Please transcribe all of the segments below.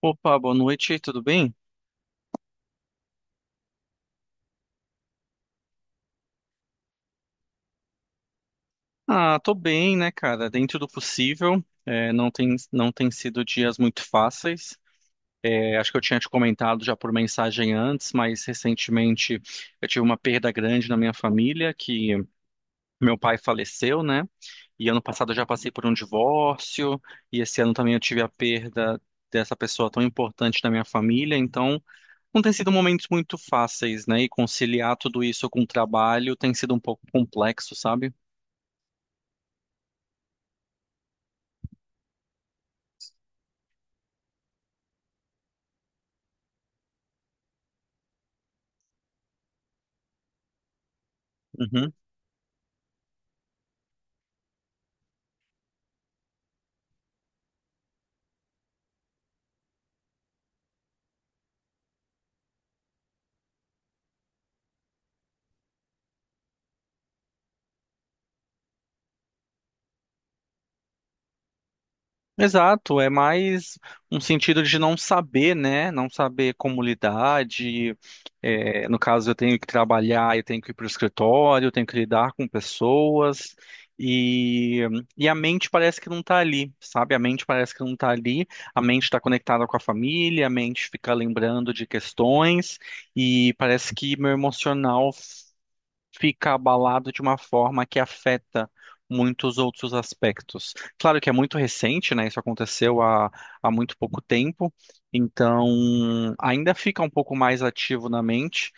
Opa, boa noite, tudo bem? Ah, tô bem, né, cara? Dentro do possível. É, não tem sido dias muito fáceis. É, acho que eu tinha te comentado já por mensagem antes, mas recentemente eu tive uma perda grande na minha família, que meu pai faleceu, né? E ano passado eu já passei por um divórcio, e esse ano também eu tive a perda dessa pessoa tão importante na minha família, então não tem sido momentos muito fáceis, né? E conciliar tudo isso com o trabalho tem sido um pouco complexo, sabe? Uhum. Exato, é mais um sentido de não saber, né? Não saber como lidar, no caso, eu tenho que trabalhar, eu tenho que ir para o escritório, eu tenho que lidar com pessoas, e, e a mente parece que não está ali, sabe? A mente parece que não está ali, a mente está conectada com a família, a mente fica lembrando de questões, e parece que meu emocional fica abalado de uma forma que afeta muitos outros aspectos. Claro que é muito recente, né? Isso aconteceu há muito pouco tempo, então ainda fica um pouco mais ativo na mente.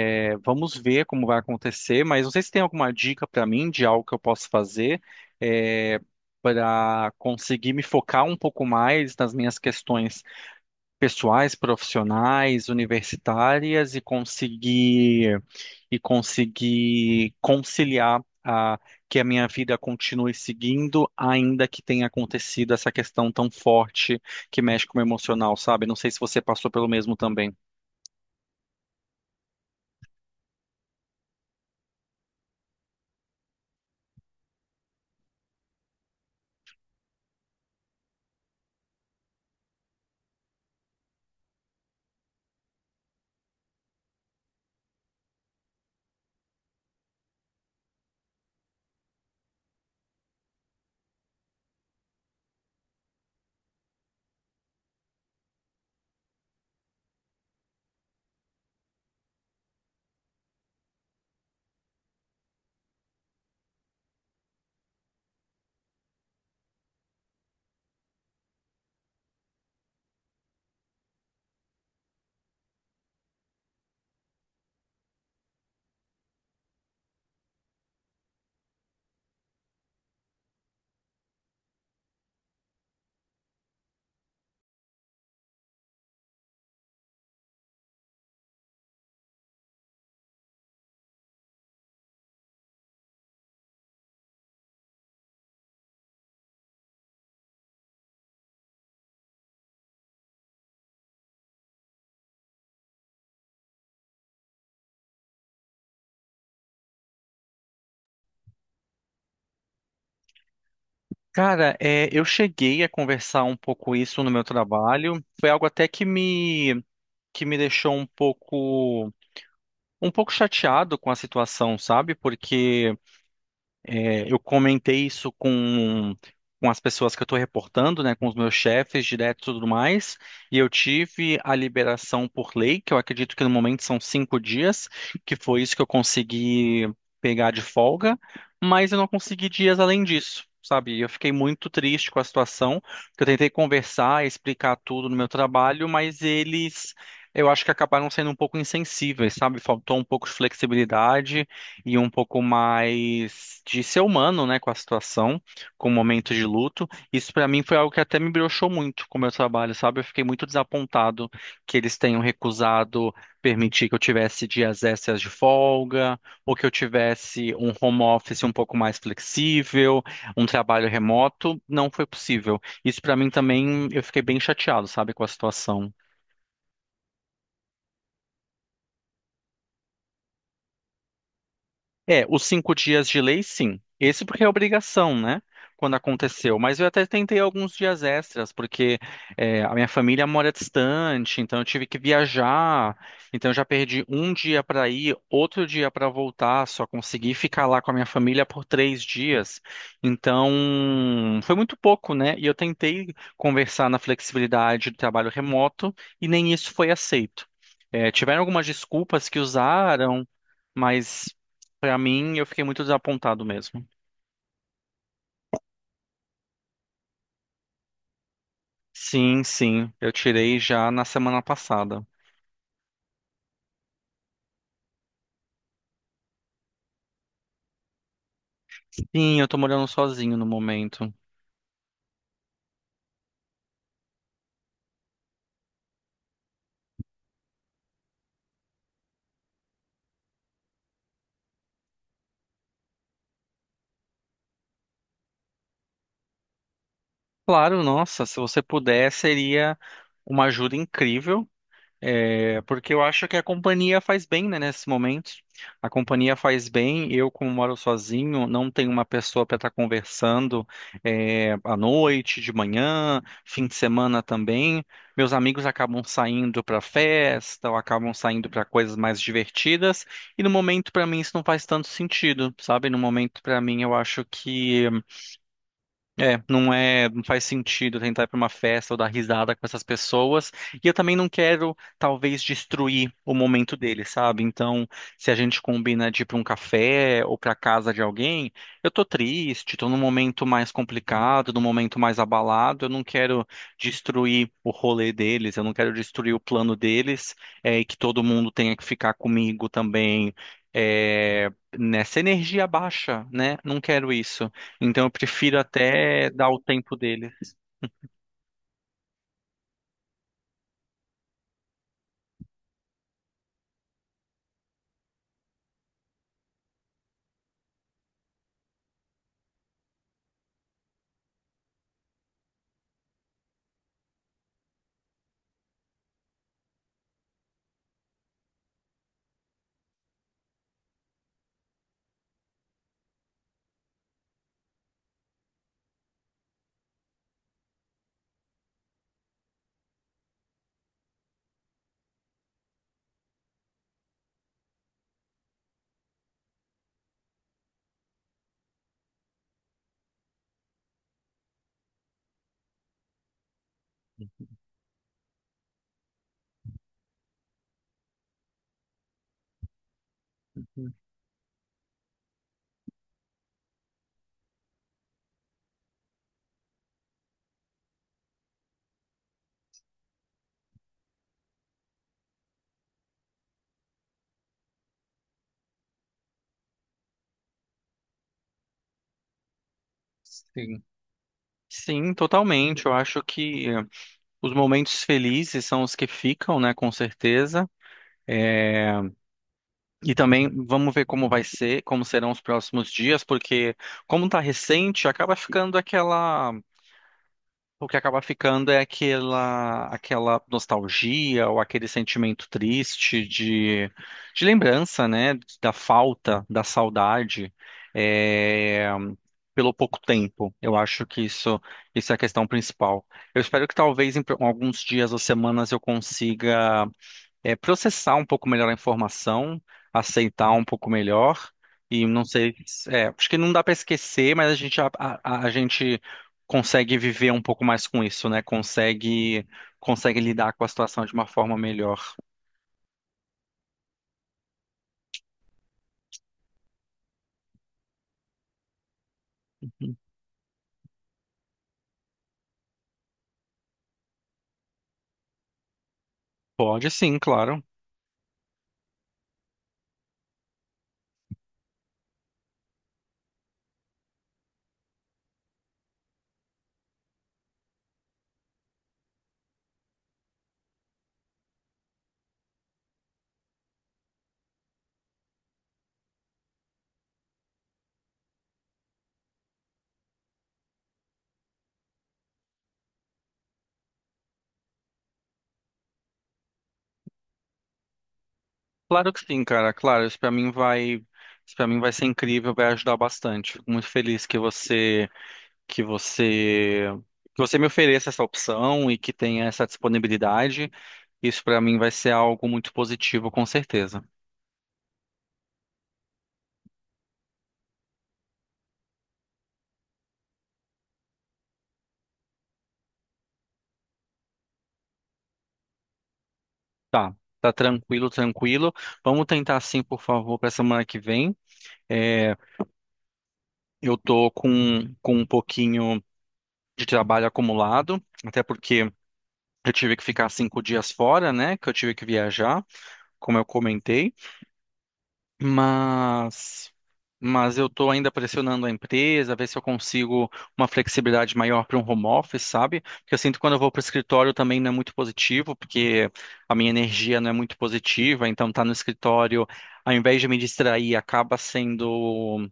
É, vamos ver como vai acontecer, mas não sei se tem alguma dica para mim de algo que eu posso fazer. É, Para conseguir me focar um pouco mais nas minhas questões pessoais, profissionais, universitárias e conseguir conciliar que a minha vida continue seguindo, ainda que tenha acontecido essa questão tão forte que mexe com o emocional, sabe? Não sei se você passou pelo mesmo também. Cara, eu cheguei a conversar um pouco isso no meu trabalho. Foi algo até que me deixou um pouco chateado com a situação, sabe? Porque eu comentei isso com as pessoas que eu estou reportando, né, com os meus chefes direto e tudo mais, e eu tive a liberação por lei, que eu acredito que no momento são 5 dias, que foi isso que eu consegui pegar de folga, mas eu não consegui dias além disso. Sabe, eu fiquei muito triste com a situação, porque eu tentei conversar, explicar tudo no meu trabalho, mas eles, eu acho que acabaram sendo um pouco insensíveis, sabe? Faltou um pouco de flexibilidade, e um pouco mais de ser humano, né, com a situação, com o momento de luto. Isso pra mim foi algo que até me broxou muito com o meu trabalho, sabe? Eu fiquei muito desapontado que eles tenham recusado permitir que eu tivesse dias extras de folga, ou que eu tivesse um home office um pouco mais flexível, um trabalho remoto. Não foi possível. Isso pra mim também, eu fiquei bem chateado, sabe, com a situação. É, os 5 dias de lei, sim. Esse porque é obrigação, né? Quando aconteceu. Mas eu até tentei alguns dias extras, porque a minha família mora distante, então eu tive que viajar. Então eu já perdi um dia para ir, outro dia para voltar. Só consegui ficar lá com a minha família por 3 dias. Então foi muito pouco, né? E eu tentei conversar na flexibilidade do trabalho remoto e nem isso foi aceito. É, tiveram algumas desculpas que usaram. Mas pra mim eu fiquei muito desapontado mesmo. Sim, sim, eu tirei já na semana passada. Sim, eu tô morando sozinho no momento. Claro, nossa, se você puder, seria uma ajuda incrível. É, porque eu acho que a companhia faz bem, né, nesse momento. A companhia faz bem. Eu, como moro sozinho, não tenho uma pessoa para estar conversando à noite, de manhã, fim de semana também. Meus amigos acabam saindo para festa ou acabam saindo para coisas mais divertidas. E no momento, para mim, isso não faz tanto sentido, sabe? No momento, para mim, eu acho que não faz sentido tentar ir para uma festa ou dar risada com essas pessoas. E eu também não quero, talvez, destruir o momento deles, sabe? Então, se a gente combina de ir para um café ou para casa de alguém, eu tô triste, tô num momento mais complicado, num momento mais abalado, eu não quero destruir o rolê deles, eu não quero destruir o plano deles, e que todo mundo tenha que ficar comigo também, é, nessa energia baixa, né? Não quero isso. Então eu prefiro até dar o tempo dele. Sim. Sim, totalmente. Eu acho que os momentos felizes são os que ficam, né, com certeza. É, E também vamos ver como vai ser, como serão os próximos dias, porque como está recente, acaba ficando aquela O que acaba ficando é aquela nostalgia ou aquele sentimento triste de lembrança, né? Da falta, da saudade, é, pelo pouco tempo. Eu acho que isso é a questão principal. Eu espero que talvez em alguns dias ou semanas eu consiga processar um pouco melhor a informação, aceitar um pouco melhor, e não sei, acho que não dá para esquecer, mas a gente consegue viver um pouco mais com isso, né? Consegue lidar com a situação de uma forma melhor. Pode sim, claro. Claro que sim, cara. Claro, isso para mim vai ser incrível, vai ajudar bastante. Fico muito feliz que você, que você me ofereça essa opção e que tenha essa disponibilidade. Isso pra mim vai ser algo muito positivo, com certeza. Tá, tá tranquilo, tranquilo. Vamos tentar sim, por favor, para semana que vem. É, eu tô com um pouquinho de trabalho acumulado, até porque eu tive que ficar 5 dias fora, né? Que eu tive que viajar, como eu comentei. Mas, mas eu estou ainda pressionando a empresa, ver se eu consigo uma flexibilidade maior para um home office, sabe? Porque eu sinto que quando eu vou para o escritório também não é muito positivo, porque a minha energia não é muito positiva, então tá no escritório, ao invés de me distrair, acaba sendo,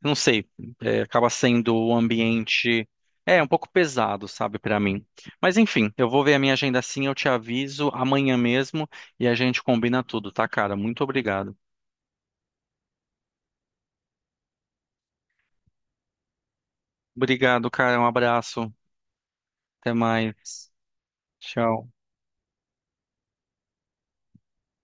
não sei, acaba sendo um ambiente, um pouco pesado, sabe, para mim. Mas enfim, eu vou ver a minha agenda assim, eu te aviso amanhã mesmo e a gente combina tudo, tá, cara? Muito obrigado. Obrigado, cara. Um abraço. Até mais. Tchau.